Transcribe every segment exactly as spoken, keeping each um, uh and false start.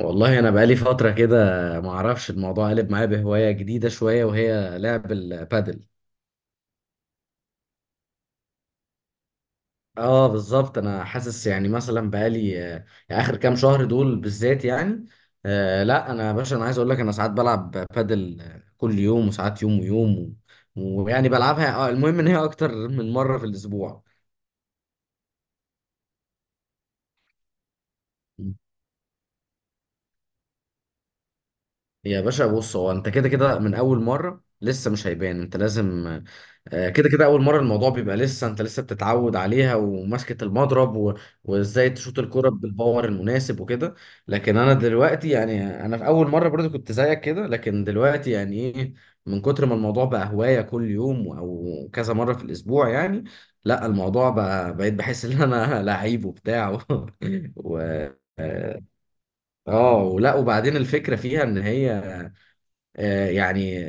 والله انا بقالي فتره كده، ما اعرفش الموضوع قلب معايا بهوايه جديده شويه وهي لعب البادل. اه بالظبط، انا حاسس يعني مثلا بقالي آه، اخر كام شهر دول بالذات يعني. آه لا، انا يا باشا انا عايز اقول لك انا ساعات بلعب بادل آه، كل يوم وساعات يوم ويوم و- ويعني بلعبها آه المهم ان هي اكتر من مره في الاسبوع. يا باشا بص، هو انت كده كده من اول مره لسه مش هيبان، انت لازم آه، كده كده اول مره الموضوع بيبقى، لسه انت لسه بتتعود عليها وماسكه المضرب و... وازاي تشوط الكرة بالباور المناسب وكده. لكن انا دلوقتي يعني، انا في اول مره برضو كنت زيك كده، لكن دلوقتي يعني ايه، من كتر ما الموضوع بقى هوايه كل يوم او كذا مره في الاسبوع يعني، لا الموضوع بقى، بقيت بحس ان انا لعيب وبتاع و... و... اه، آه، ولا وبعدين الفكره فيها ان هي آه، يعني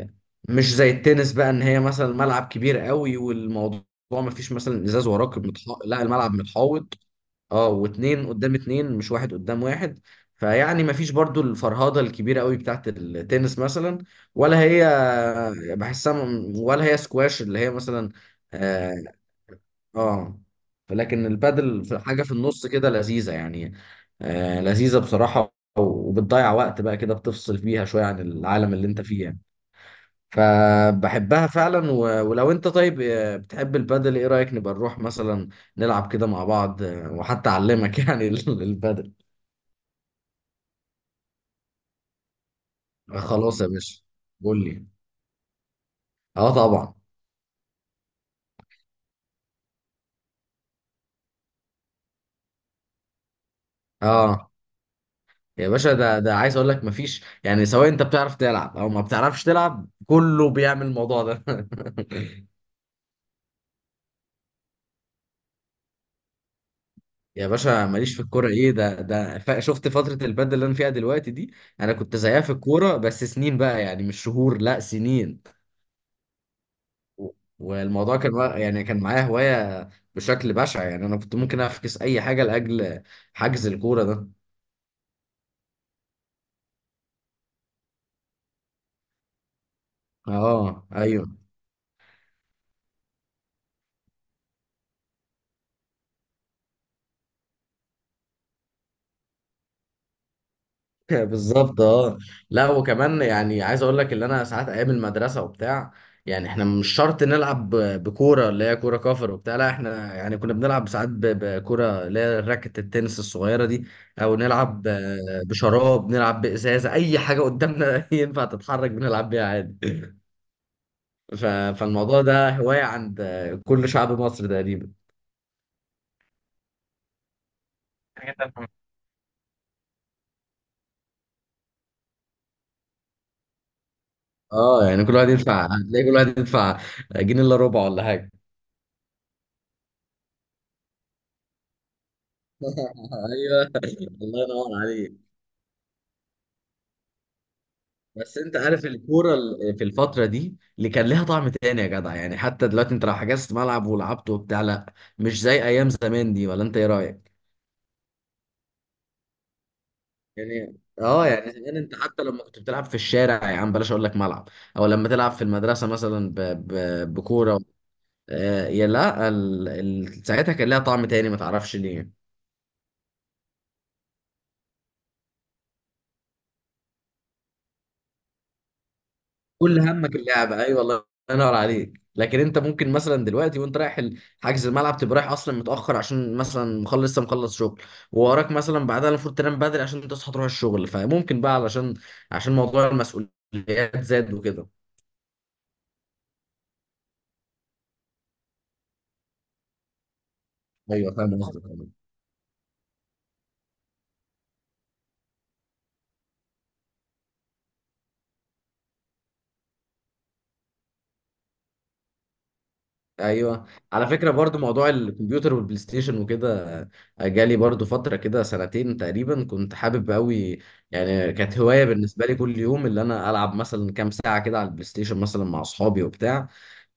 مش زي التنس بقى، ان هي مثلا ملعب كبير قوي والموضوع ما فيش مثلا ازاز وراك متح... لا الملعب متحوط. اه، واتنين قدام اتنين مش واحد قدام واحد. فيعني ما فيش برضو الفرهدة الكبيرة قوي بتاعت التنس مثلا، ولا هي بحسها م- ولا هي سكواش اللي هي مثلا. اه. آه. لكن البادل في حاجة في النص كده لذيذة يعني. آه لذيذة بصراحة، وبتضيع وقت بقى كده بتفصل فيها شوية عن العالم اللي انت فيه يعني. فبحبها فعلا، و- ولو انت طيب آه، بتحب البادل، ايه رأيك نبقى نروح مثلا نلعب كده مع بعض آه، وحتى اعلمك يعني ال- البادل. آه، خلاص يا باشا. قول لي. اه طبعا. اه يا باشا، ده ده عايز اقول لك مفيش، يعني سواء انت بتعرف تلعب او ما بتعرفش تلعب كله بيعمل الموضوع ده يا باشا، ماليش في الكوره ايه؟ ده ده ف- شفت فتره البادل اللي انا فيها دلوقتي دي؟ انا كنت زيها في الكوره بس سنين بقى يعني، مش شهور، لا سنين. والموضوع كان وا- يعني كان معايا هواية بشكل بشع، يعني أنا كنت ممكن أفكس أي حاجة لأجل حجز الكورة ده. اه ايوه بالظبط. اه لا، وكمان يعني عايز اقول لك اللي انا ساعات ايام المدرسه وبتاع، يعني احنا مش شرط نلعب ب- بكوره اللي هي كوره كفر وبتاع، لا احنا يعني كنا بنلعب ساعات ب- بكوره اللي هي راكت التنس الصغيره دي. او نلعب آه، بشراب، نلعب بازازه، اي حاجه قدامنا ينفع تتحرك بنلعب بيها عادي. ف... فالموضوع ده هواية عند كل شعب مصر تقريبا. اه يعني، كل واحد يدفع، هتلاقي كل واحد يدفع جنيه الا ربع ولا حاجة. ايوه، الله ينور عليك. بس انت عارف الكوره ال- في الفتره دي اللي كان لها طعم تاني يا جدع، يعني حتى دلوقتي انت لو حجزت ملعب ولعبت وبتاع لا مش زي ايام زمان دي، ولا انت ايه رايك؟ يعني اه، يعني زمان انت حتى لما كنت بتلعب في الشارع يا عم، بلاش اقول لك ملعب، او لما تلعب في المدرسه مثلا ب... ب... بكوره. آه، يا لا ال... ال... ساعتها كان لها طعم تاني ما تعرفش ليه. كل همك اللعبه، ايوه الله ينور عليك. لكن انت ممكن مثلا دلوقتي وانت رايح ال- حجز الملعب، تبقى رايح اصلا متاخر عشان مثلا مخلص، لسه مخلص شغل، ووراك مثلا بعدها المفروض تنام بدري عشان تصحى تروح الشغل، فممكن بقى علشان عشان موضوع المسؤوليات زاد وكده. ايوه فاهم قصدك. ايوه على فكره، برضو موضوع الكمبيوتر والبلاي ستيشن وكده جالي برضو فتره كده سنتين تقريبا كنت حابب قوي. يعني كانت هوايه بالنسبه لي كل يوم، اللي انا العب مثلا كام ساعه كده على البلاي ستيشن مثلا مع اصحابي وبتاع.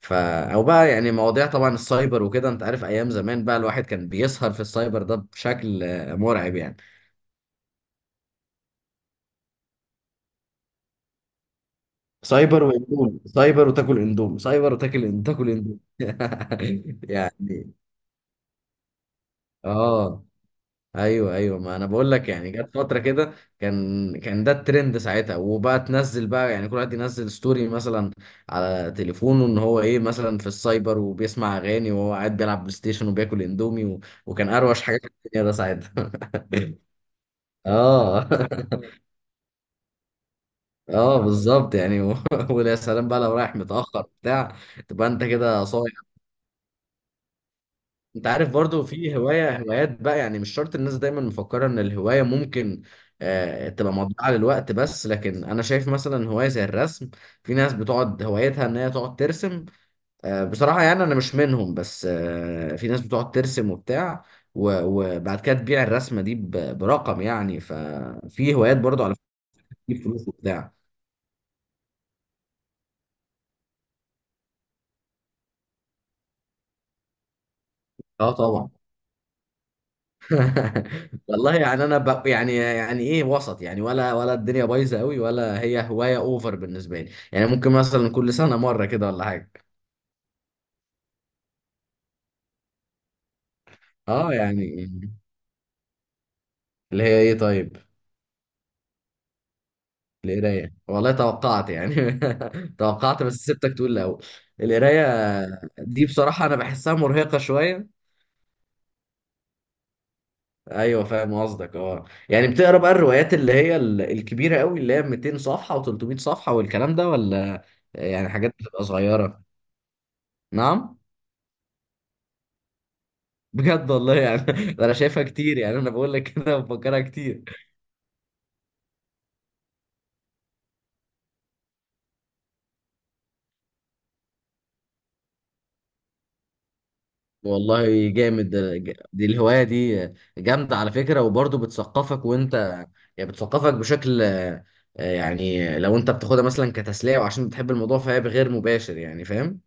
ف او بقى يعني مواضيع طبعا السايبر وكده، انت عارف ايام زمان بقى الواحد كان بيسهر في السايبر ده بشكل آه، مرعب يعني. سايبر واندومي، سايبر وتاكل اندومي، سايبر وتاكل تاكل اندومي يعني. اه ايوه ايوه، ما انا بقول لك يعني جت فتره كده، كان كان ده الترند ساعتها، وبقى تنزل بقى يعني كل واحد ينزل ستوري مثلا على تليفونه، ان هو ايه مثلا في السايبر وبيسمع اغاني وهو قاعد بيلعب بلاي ستيشن وبياكل اندومي و... وكان اروش حاجه في الدنيا ده ساعتها. اه اه بالظبط يعني و... ويا سلام بقى لو رايح متاخر بتاع، تبقى انت كده صايع. انت عارف برضو في هواية هوايات بقى، يعني مش شرط الناس دايما مفكرة ان الهواية ممكن آه، تبقى مضيعة للوقت، بس لكن انا شايف مثلا هواية زي الرسم. في ناس بتقعد هوايتها ان هي تقعد ترسم. آه، بصراحة يعني انا مش منهم، بس آه، في ناس بتقعد ترسم وبتاع و- وبعد كده تبيع الرسمة دي ب- برقم يعني. ففي هوايات برضو على فكرة بتجيب فلوس وبتاع. اه طبعا والله يعني انا ب... يعني يعني ايه، وسط يعني، ولا ولا الدنيا بايظه قوي ولا هي هوايه اوفر بالنسبه لي، يعني ممكن مثلا كل سنه مره كده ولا حاجه. اه يعني اللي هي ايه طيب؟ القرايه؟ والله توقعت يعني توقعت، بس سبتك تقول الاول. القرايه دي بصراحه انا بحسها مرهقه شويه. ايوه فاهم قصدك. اه يعني بتقرا بقى الروايات اللي هي ال- الكبيره قوي، اللي هي ميتين صفحه و300 صفحه والكلام ده، ولا يعني حاجات بتبقى صغيره؟ نعم. بجد والله يعني انا شايفها كتير، يعني انا بقول لك كده بفكرها كتير. والله جامد. ده- ج- دي الهواية دي جامدة على فكرة، وبرضه بتثقفك، وانت يعني بتثقفك بشكل آه، يعني لو انت بتاخدها مثلا كتسلية وعشان بتحب الموضوع فهي بغير مباشر، يعني فاهم.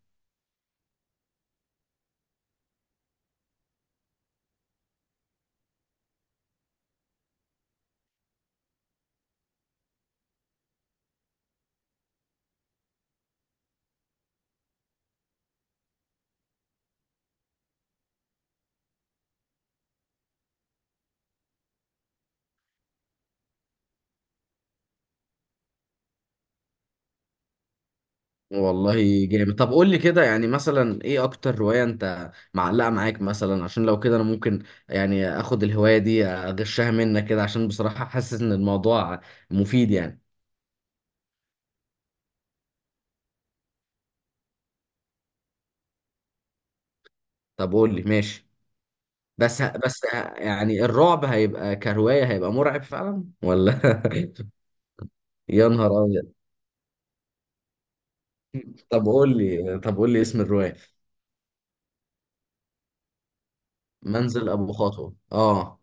والله جامد. طب قول لي كده، يعني مثلا ايه اكتر هواية انت معلقة معاك مثلا؟ عشان لو كده انا ممكن يعني اخد الهواية دي اغشها منك كده، عشان بصراحة حاسس ان الموضوع مفيد يعني. طب قول لي ماشي. بس بس يعني الرعب هيبقى كرواية، هيبقى مرعب فعلا ولا؟ يا نهار أبيض. طب قول لي طب قول لي اسم الرواية. منزل أبو خطوة اه.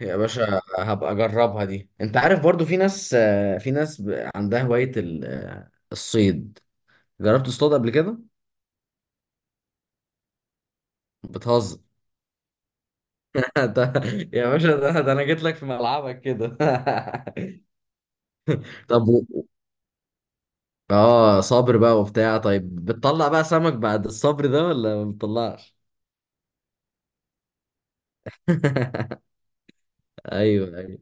يا باشا هبقى أجربها دي. أنت عارف برضو في ناس، آه، في ناس ب- عندها هواية ال- آه، الصيد. جربت تصطاد قبل كده؟ بتهزر؟ ده- يا باشا، ده, ده أنا جيت لك في ملعبك كده طب و- اه صابر بقى وبتاع، طيب بتطلع بقى سمك بعد الصبر ده ولا ما بتطلعش؟ ايوه ايوه.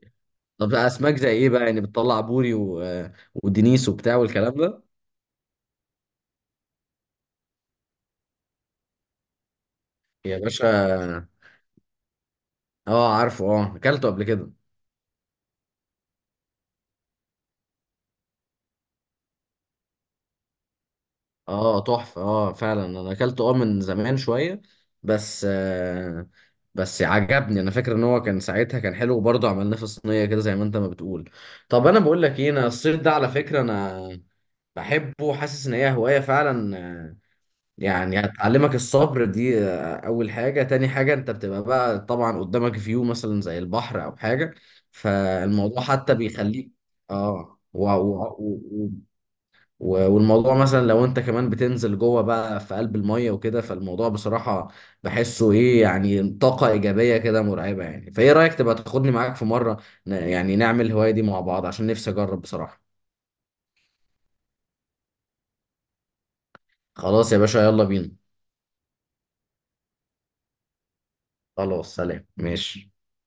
طب اسماك زي ايه بقى يعني؟ بتطلع بوري و... ودنيس وبتاع والكلام ده. يا باشا، اه عارفه، اه اكلته قبل كده. اه تحفه، اه فعلا انا اكلته اه من زمان شويه. بس آه بس عجبني، انا فاكر ان هو كان ساعتها كان حلو، وبرضه عملناه في صينيه كده زي ما انت ما بتقول. طب انا بقول لك ايه، انا الصيد ده على فكره انا بحبه، حاسس ان هي هوايه فعلا. يعني هتعلمك الصبر دي آه، اول حاجة، تاني حاجة انت بتبقى بقى طبعا قدامك فيو مثلا زي البحر او حاجة، فالموضوع حتى بيخليك اه و... و... و... و... والموضوع مثلا لو انت كمان بتنزل جوه بقى في قلب المية وكده، فالموضوع بصراحة بحسه ايه يعني طاقة ايجابية كده مرعبة يعني، فايه رأيك تبقى تاخدني معاك في مرة ن... يعني نعمل الهواية دي مع بعض عشان نفسي اجرب بصراحة؟ خلاص يا باشا يلا بينا. خلاص سلام ماشي.